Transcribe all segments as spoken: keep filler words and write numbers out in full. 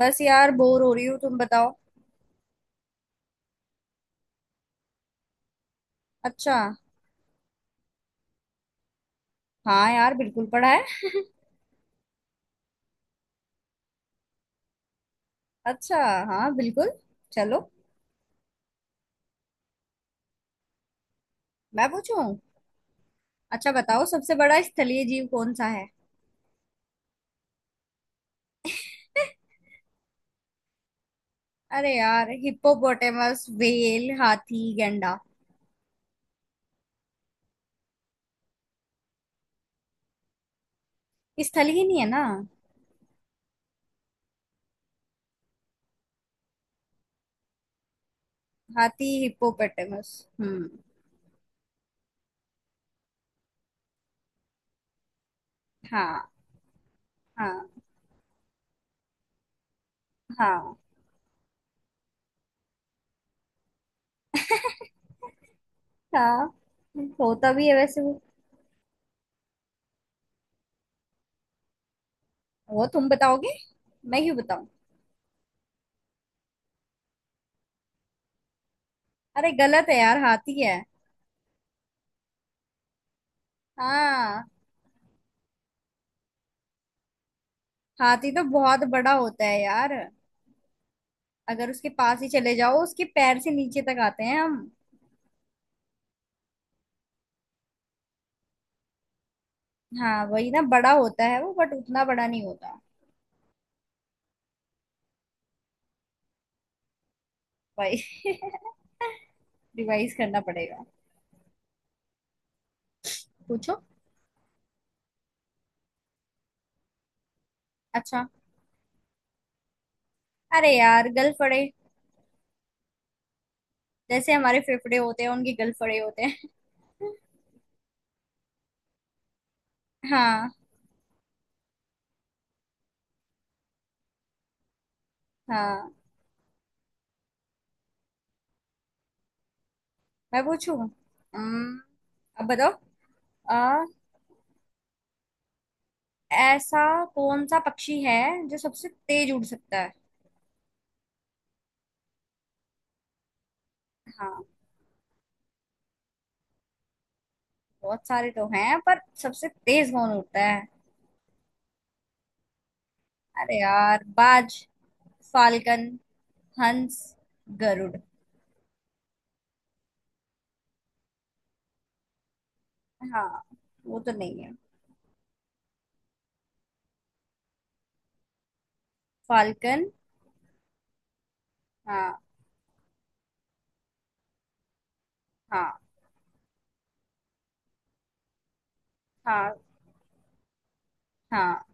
बस यार बोर हो रही हूँ। तुम बताओ। अच्छा। हाँ यार बिल्कुल पढ़ा है। अच्छा। हाँ बिल्कुल। चलो। मैं पूछूं। अच्छा, बताओ सबसे बड़ा स्थलीय जीव कौन सा है? अरे यार, हिप्पोपोटेमस, व्हेल, हाथी, गैंडा। स्थलीय नहीं है ना। हाथी, हिप्पोपोटेमस। हम्म। हाँ, हाँ। हाँ, हाँ। होता भी है वैसे वो। वो तुम बताओगे। मैं क्यों बताऊं? अरे, गलत है यार, हाथी है। हाँ। हाथी तो बहुत बड़ा होता है यार। अगर उसके पास ही चले जाओ, उसके पैर से नीचे तक आते हैं हम। हाँ वही ना, बड़ा होता है वो बट उतना बड़ा नहीं होता। भाई। रिवाइज करना पड़ेगा। पूछो। अच्छा। अरे यार, गलफड़े। जैसे हमारे फेफड़े होते हैं, उनके गलफड़े होते हैं। हाँ। हाँ। मैं पूछूं। अम्म, अब बताओ। आ, ऐसा कौन सा पक्षी है जो सबसे तेज उड़ सकता है? हाँ। बहुत सारे तो हैं, पर सबसे तेज कौन उड़ता है? अरे यार, बाज, फाल्कन, हंस, गरुड़। हाँ। वो तो नहीं है। फाल्कन। हाँ, हाँ, हाँ, हाँ।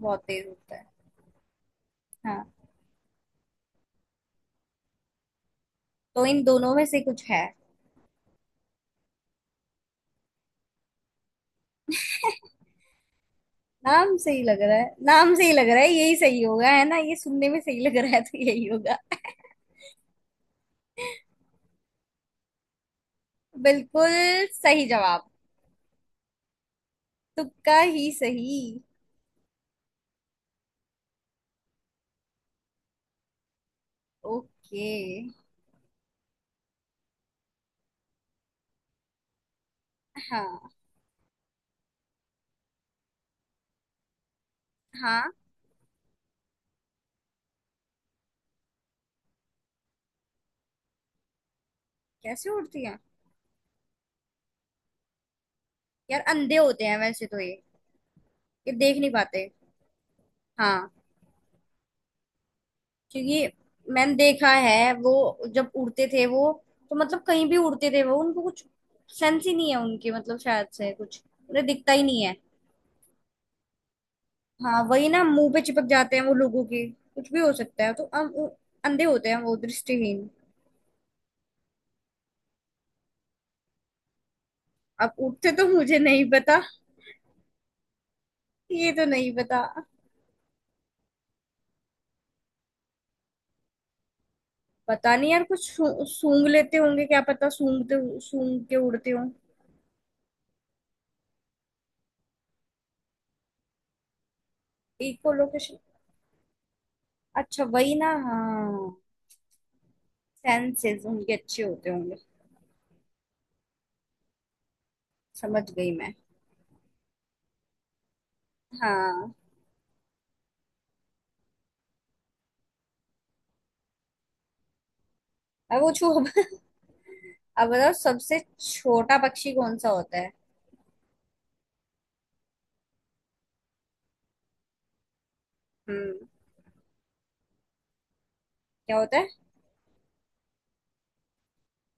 बहुत तेज होता है। हाँ। तो इन दोनों में से कुछ है। नाम से ही लग रहा है, नाम से ही लग रहा है, यही सही होगा है ना, ये सुनने में सही लग रहा है तो यही होगा। बिल्कुल सही जवाब। तुक्का ही सही। ओके। हाँ। हाँ। कैसे उड़ती है? यार अंधे होते हैं वैसे तो ये ये देख नहीं पाते। हाँ। क्योंकि मैंने देखा है वो, जब उड़ते थे वो, तो मतलब कहीं भी उड़ते थे वो, उनको कुछ सेंस ही नहीं है उनकी, मतलब शायद से कुछ उन्हें दिखता ही नहीं है। हाँ वही ना, मुंह पे चिपक जाते हैं वो लोगों के, कुछ भी हो सकता है तो हम वो अंधे होते हैं, वो दृष्टिहीन। अब उठते तो मुझे नहीं पता, ये तो नहीं पता। पता नहीं यार, कुछ सू- सूंघ लेते होंगे, क्या पता, सूंघते सूंघ के उड़ते हों। इकोलोकेशन। अच्छा वही ना, हाँ। सेंसेस उनके अच्छे होते होंगे। समझ गई मैं। हाँ। अब पूछू अब। अब बताओ सबसे छोटा पक्षी कौन सा होता है? हम्म। क्या होता है?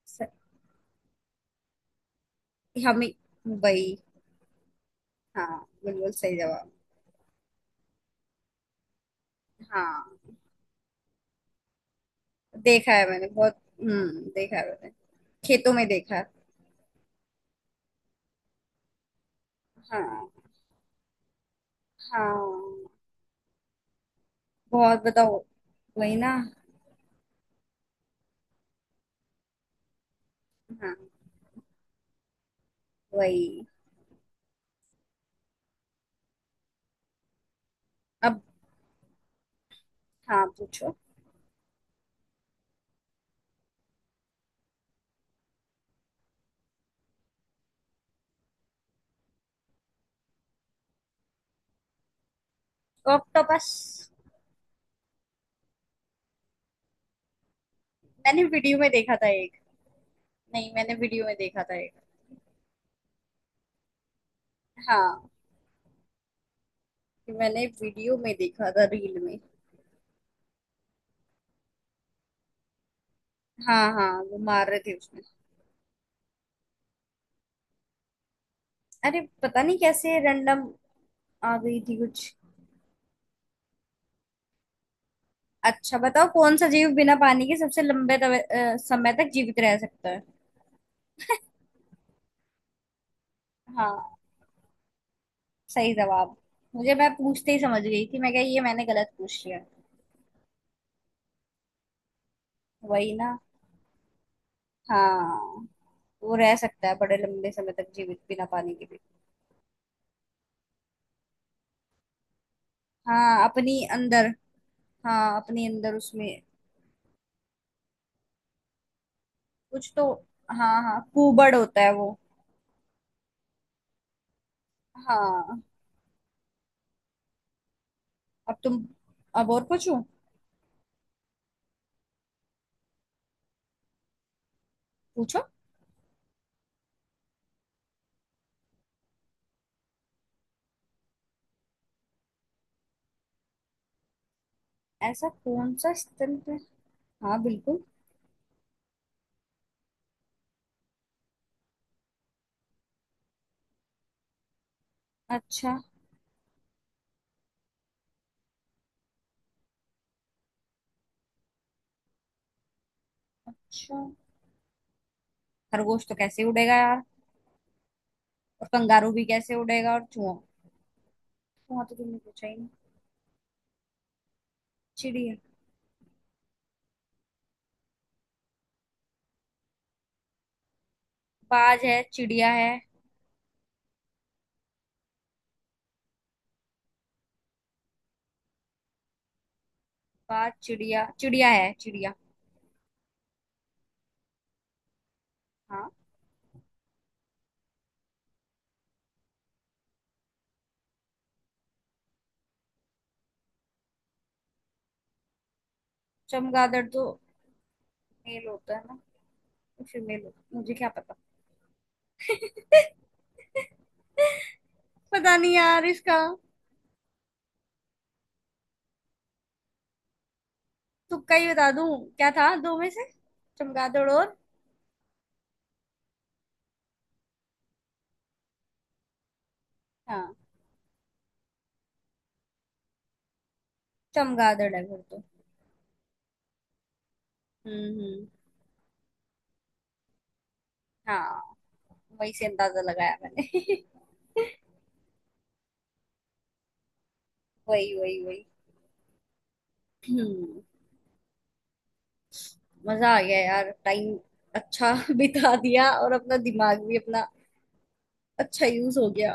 स- हम, वही। हाँ, बिल्कुल सही जवाब। हाँ। देखा है मैंने बहुत, हम्म देखा है मैंने। खेतों में देखा है। हाँ। हाँ, बहुत, बताओ। वही ना। हाँ। वही। अब। हाँ, पूछो। तो ऑक्टोपस। मैंने वीडियो में देखा था एक। नहीं, मैंने वीडियो में देखा था एक। हाँ। मैंने वीडियो में देखा था रील में। हाँ, हाँ, वो मार रहे थे उसमें। अरे पता नहीं कैसे, रैंडम आ गई थी कुछ। अच्छा, बताओ कौन सा जीव बिना पानी के सबसे लंबे तवे- अ, समय तक जीवित रह सकता है? हाँ। सही जवाब। मुझे, मैं पूछते ही समझ गई थी मैं, क्या ये मैंने गलत पूछ लिया। वही ना। हाँ। वो रह सकता है बड़े लंबे समय तक जीवित बिना पानी के भी। हाँ, अपनी अंदर। हाँ, अपनी अंदर उसमें। कुछ तो। हाँ, हाँ, कुबड़ होता है वो। हाँ। अब तुम, अब और पूछूं। पूछो। ऐसा कौन सा स्तनपायी? हाँ, बिल्कुल। अच्छा। अच्छा। खरगोश तो कैसे उड़ेगा यार? और कंगारू भी कैसे उड़ेगा, और चूहा? चूहा तो तुमने पूछा ही नहीं। चिड़िया। बाज है, चिड़िया है। बाज, चिड़िया, चिड़िया है, चिड़िया। हाँ। चमगादड़ तो मेल होता है ना, फीमेल होता है। मुझे क्या पता। पता नहीं यार इसका। तुक्का ही बता दूं। क्या था दो में से? चमगादड़ और। हाँ। चमगादड़ है फिर तो। हम्म, हम्म। हाँ। वही से अंदाजा लगाया मैंने। वही, वही, वही। हम्म, मजा आ गया यार, टाइम अच्छा बिता दिया, और अपना दिमाग भी अपना अच्छा यूज हो गया।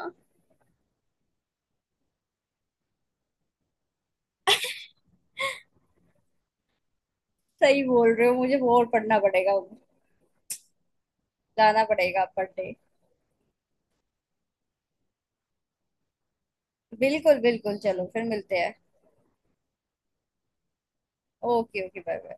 सही बोल रहे हो, मुझे और पढ़ना पड़ेगा। जाना पड़ेगा पढ़ने। बिल्कुल, बिल्कुल, चलो फिर मिलते हैं। Okay, okay, bye, bye.